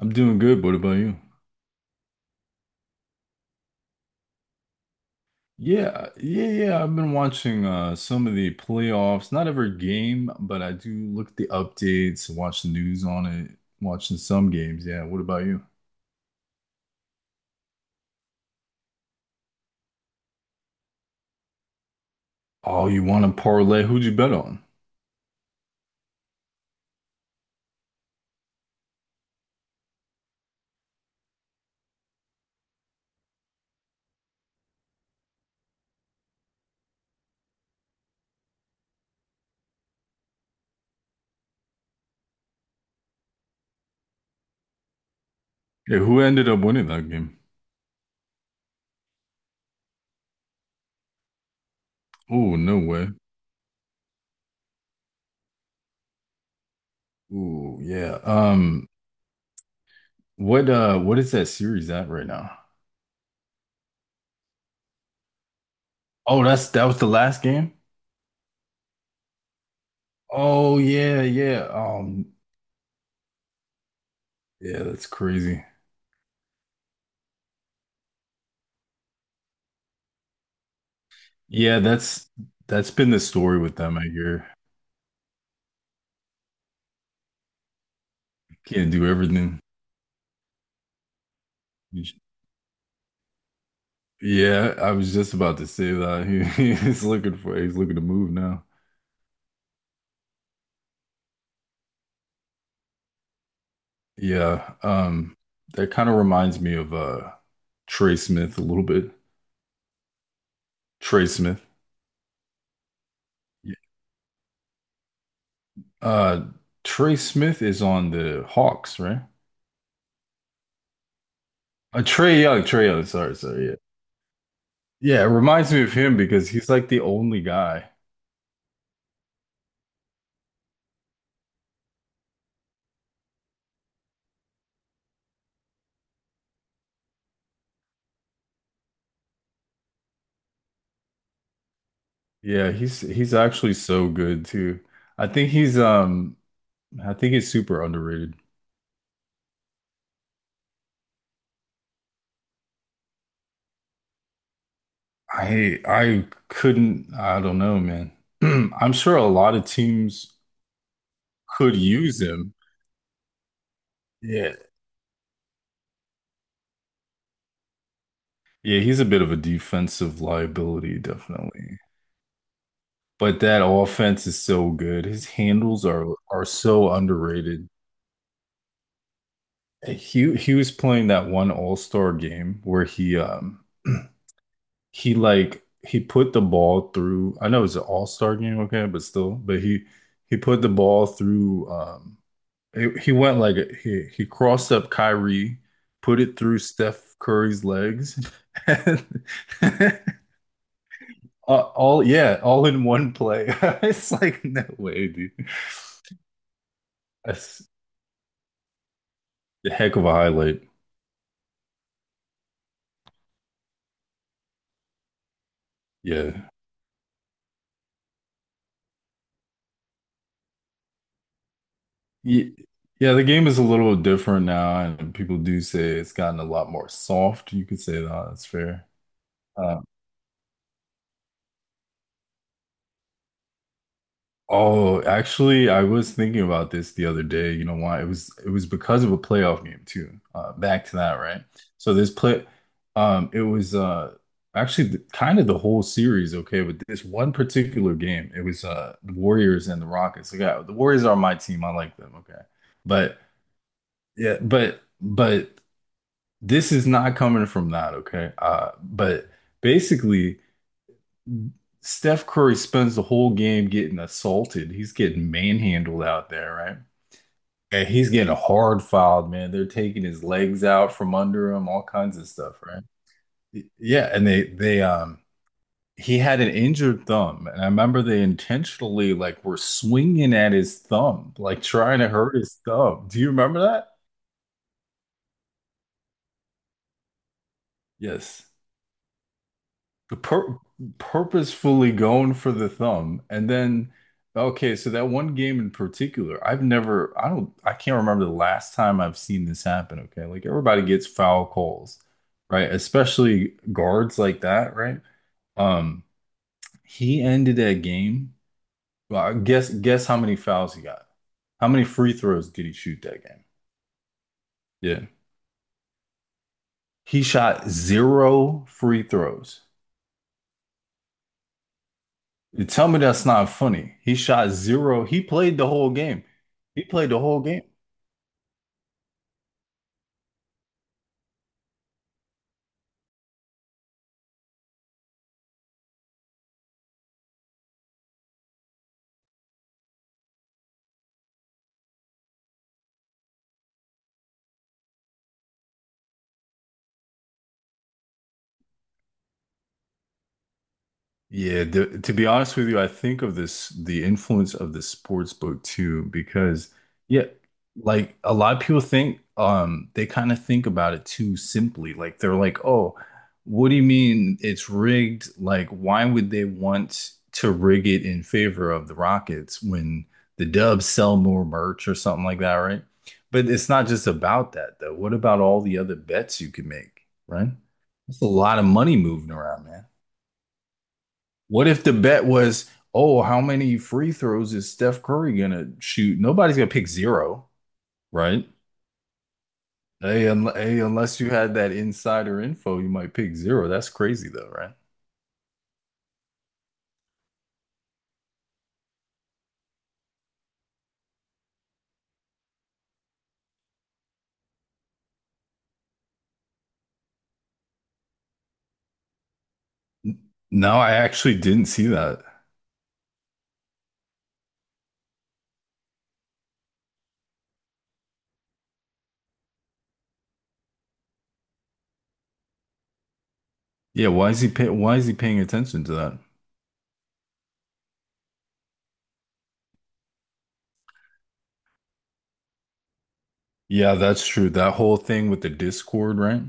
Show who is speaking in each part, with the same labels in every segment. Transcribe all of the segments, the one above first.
Speaker 1: I'm doing good. What about you? Yeah, yeah, yeah. I've been watching some of the playoffs. Not every game, but I do look at the updates, watch the news on it, watching some games. Yeah. What about you? Oh, you want to parlay? Who'd you bet on? Yeah, who ended up winning that game? Oh, no way. Oh, yeah. What is that series at right now? Oh, that's that was the last game? Oh yeah, yeah. Yeah, that's crazy. Yeah. That's been the story with them, I hear. Can't do everything. Yeah, I was just about to say that. He's looking for he's looking to move now. Yeah. That kind of reminds me of Trey Smith a little bit. Trey Smith. Yeah. Uh Trey Smith is on the Hawks, right? Trey Young, sorry, yeah. Yeah, it reminds me of him because he's like the only guy. Yeah, he's actually so good too. I think he's um I think he's super underrated. I couldn't I don't know, man. I'm sure a lot of teams could use him. Yeah. Yeah, he's a bit of a defensive liability, definitely. But that offense is so good. His handles are so underrated. He was playing that one All-Star game where he he put the ball through. I know it's an All-Star game, okay, but still, but he put the ball through he went he crossed up Kyrie, put it through Steph Curry's legs, and all in one play. It's like no way, dude. That's a heck of a highlight. Yeah. Ye- Yeah, the game is a little different now, and people do say it's gotten a lot more soft. You could say that, that's fair. Uh, Oh, actually, I was thinking about this the other day. You know why? It was because of a playoff game too. Back to that, right? So this play, it was actually kind of the whole series, okay, but this one particular game, it was the Warriors and the Rockets. Like, yeah, the Warriors are my team. I like them, okay, but yeah, but this is not coming from that, okay? But basically. Steph Curry spends the whole game getting assaulted. He's getting manhandled out there, right? And he's getting hard filed, man. They're taking his legs out from under him, all kinds of stuff, right? Yeah, and they he had an injured thumb, and I remember they intentionally were swinging at his thumb, like trying to hurt his thumb. Do you remember that? Yes. pur Purposefully going for the thumb and then okay, so that one game in particular, I don't, I can't remember the last time I've seen this happen. Okay, like everybody gets foul calls, right? Especially guards like that, right? um he ended that game, well, I guess how many fouls he got, how many free throws did he shoot that game? Yeah, he shot zero free throws. You tell me that's not funny. He shot zero. He played the whole game. Yeah, to be honest with you, I think of this the influence of the sports book too, because yeah, like a lot of people think they kind of think about it too simply. Like they're like, oh, what do you mean it's rigged? Like, why would they want to rig it in favor of the Rockets when the Dubs sell more merch or something like that, right? But it's not just about that though. What about all the other bets you can make, right? That's a lot of money moving around, man. What if the bet was, oh, how many free throws is Steph Curry gonna shoot? Nobody's gonna pick zero, right? Hey, unless you had that insider info, you might pick zero. That's crazy though, right? N- No, I actually didn't see that. Yeah, why is he pay why is he paying attention to that? Yeah, that's true. That whole thing with the Discord, right?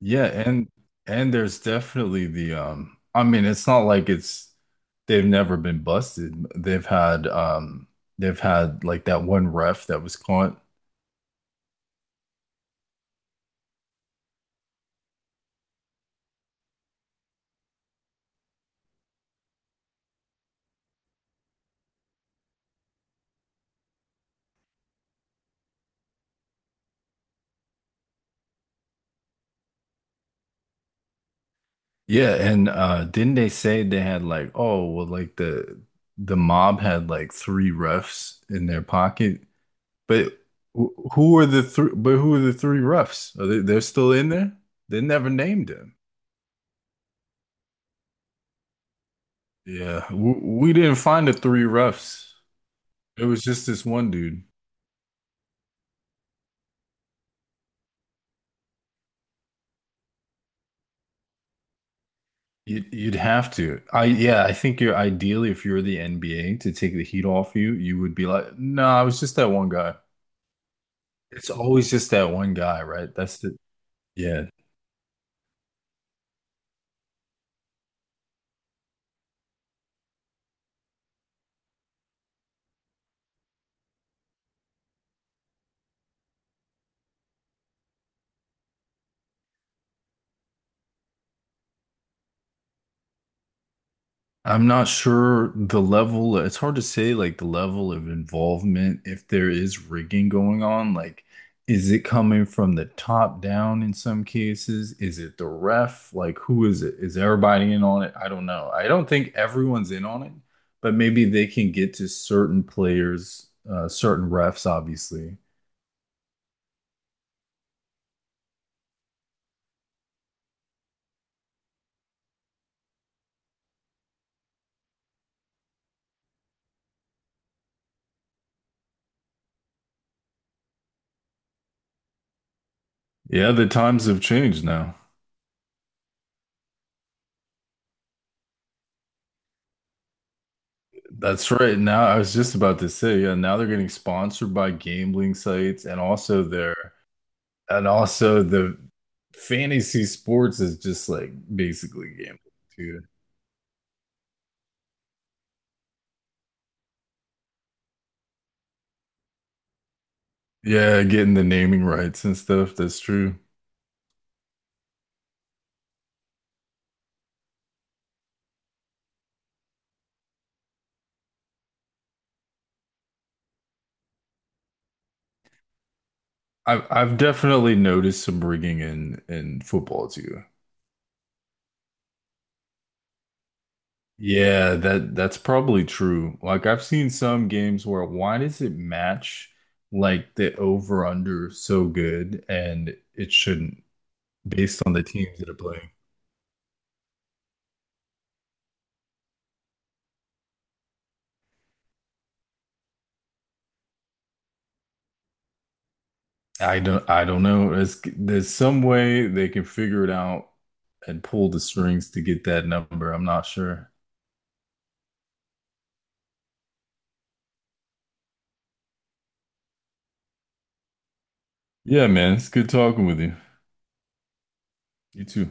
Speaker 1: Yeah, and there's definitely the I mean, it's not like it's they've never been busted. They've had like that one ref that was caught. Yeah, and didn't they say they had like, oh well, like the mob had like three refs in their pocket. But who are the three refs? Are they, they're still in there? They never named him. Yeah, w we didn't find the three refs. It was just this one dude. You'd have to. I yeah, I think you're ideally, if you're the NBA, to take the heat off you, you would be like, no, I was just that one guy. It's always just that one guy, right? That's the. Yeah. I'm not sure the level, it's hard to say like the level of involvement if there is rigging going on. Like, is it coming from the top down in some cases? Is it the ref? Like, who is it? Is everybody in on it? I don't know. I don't think everyone's in on it, but maybe they can get to certain players, certain refs, obviously. Yeah, the times have changed now. That's right. Now, I was just about to say, yeah, now they're getting sponsored by gambling sites, and also they're and also the fantasy sports is just like basically gambling too. Yeah, getting the naming rights and stuff. That's true. I've definitely noticed some rigging in football too. Yeah, that that's probably true. Like I've seen some games where why does it match like the over under so good, and it shouldn't based on the teams that are playing. I don't know. There's some way they can figure it out and pull the strings to get that number. I'm not sure. Yeah, man, it's good talking with you. You too.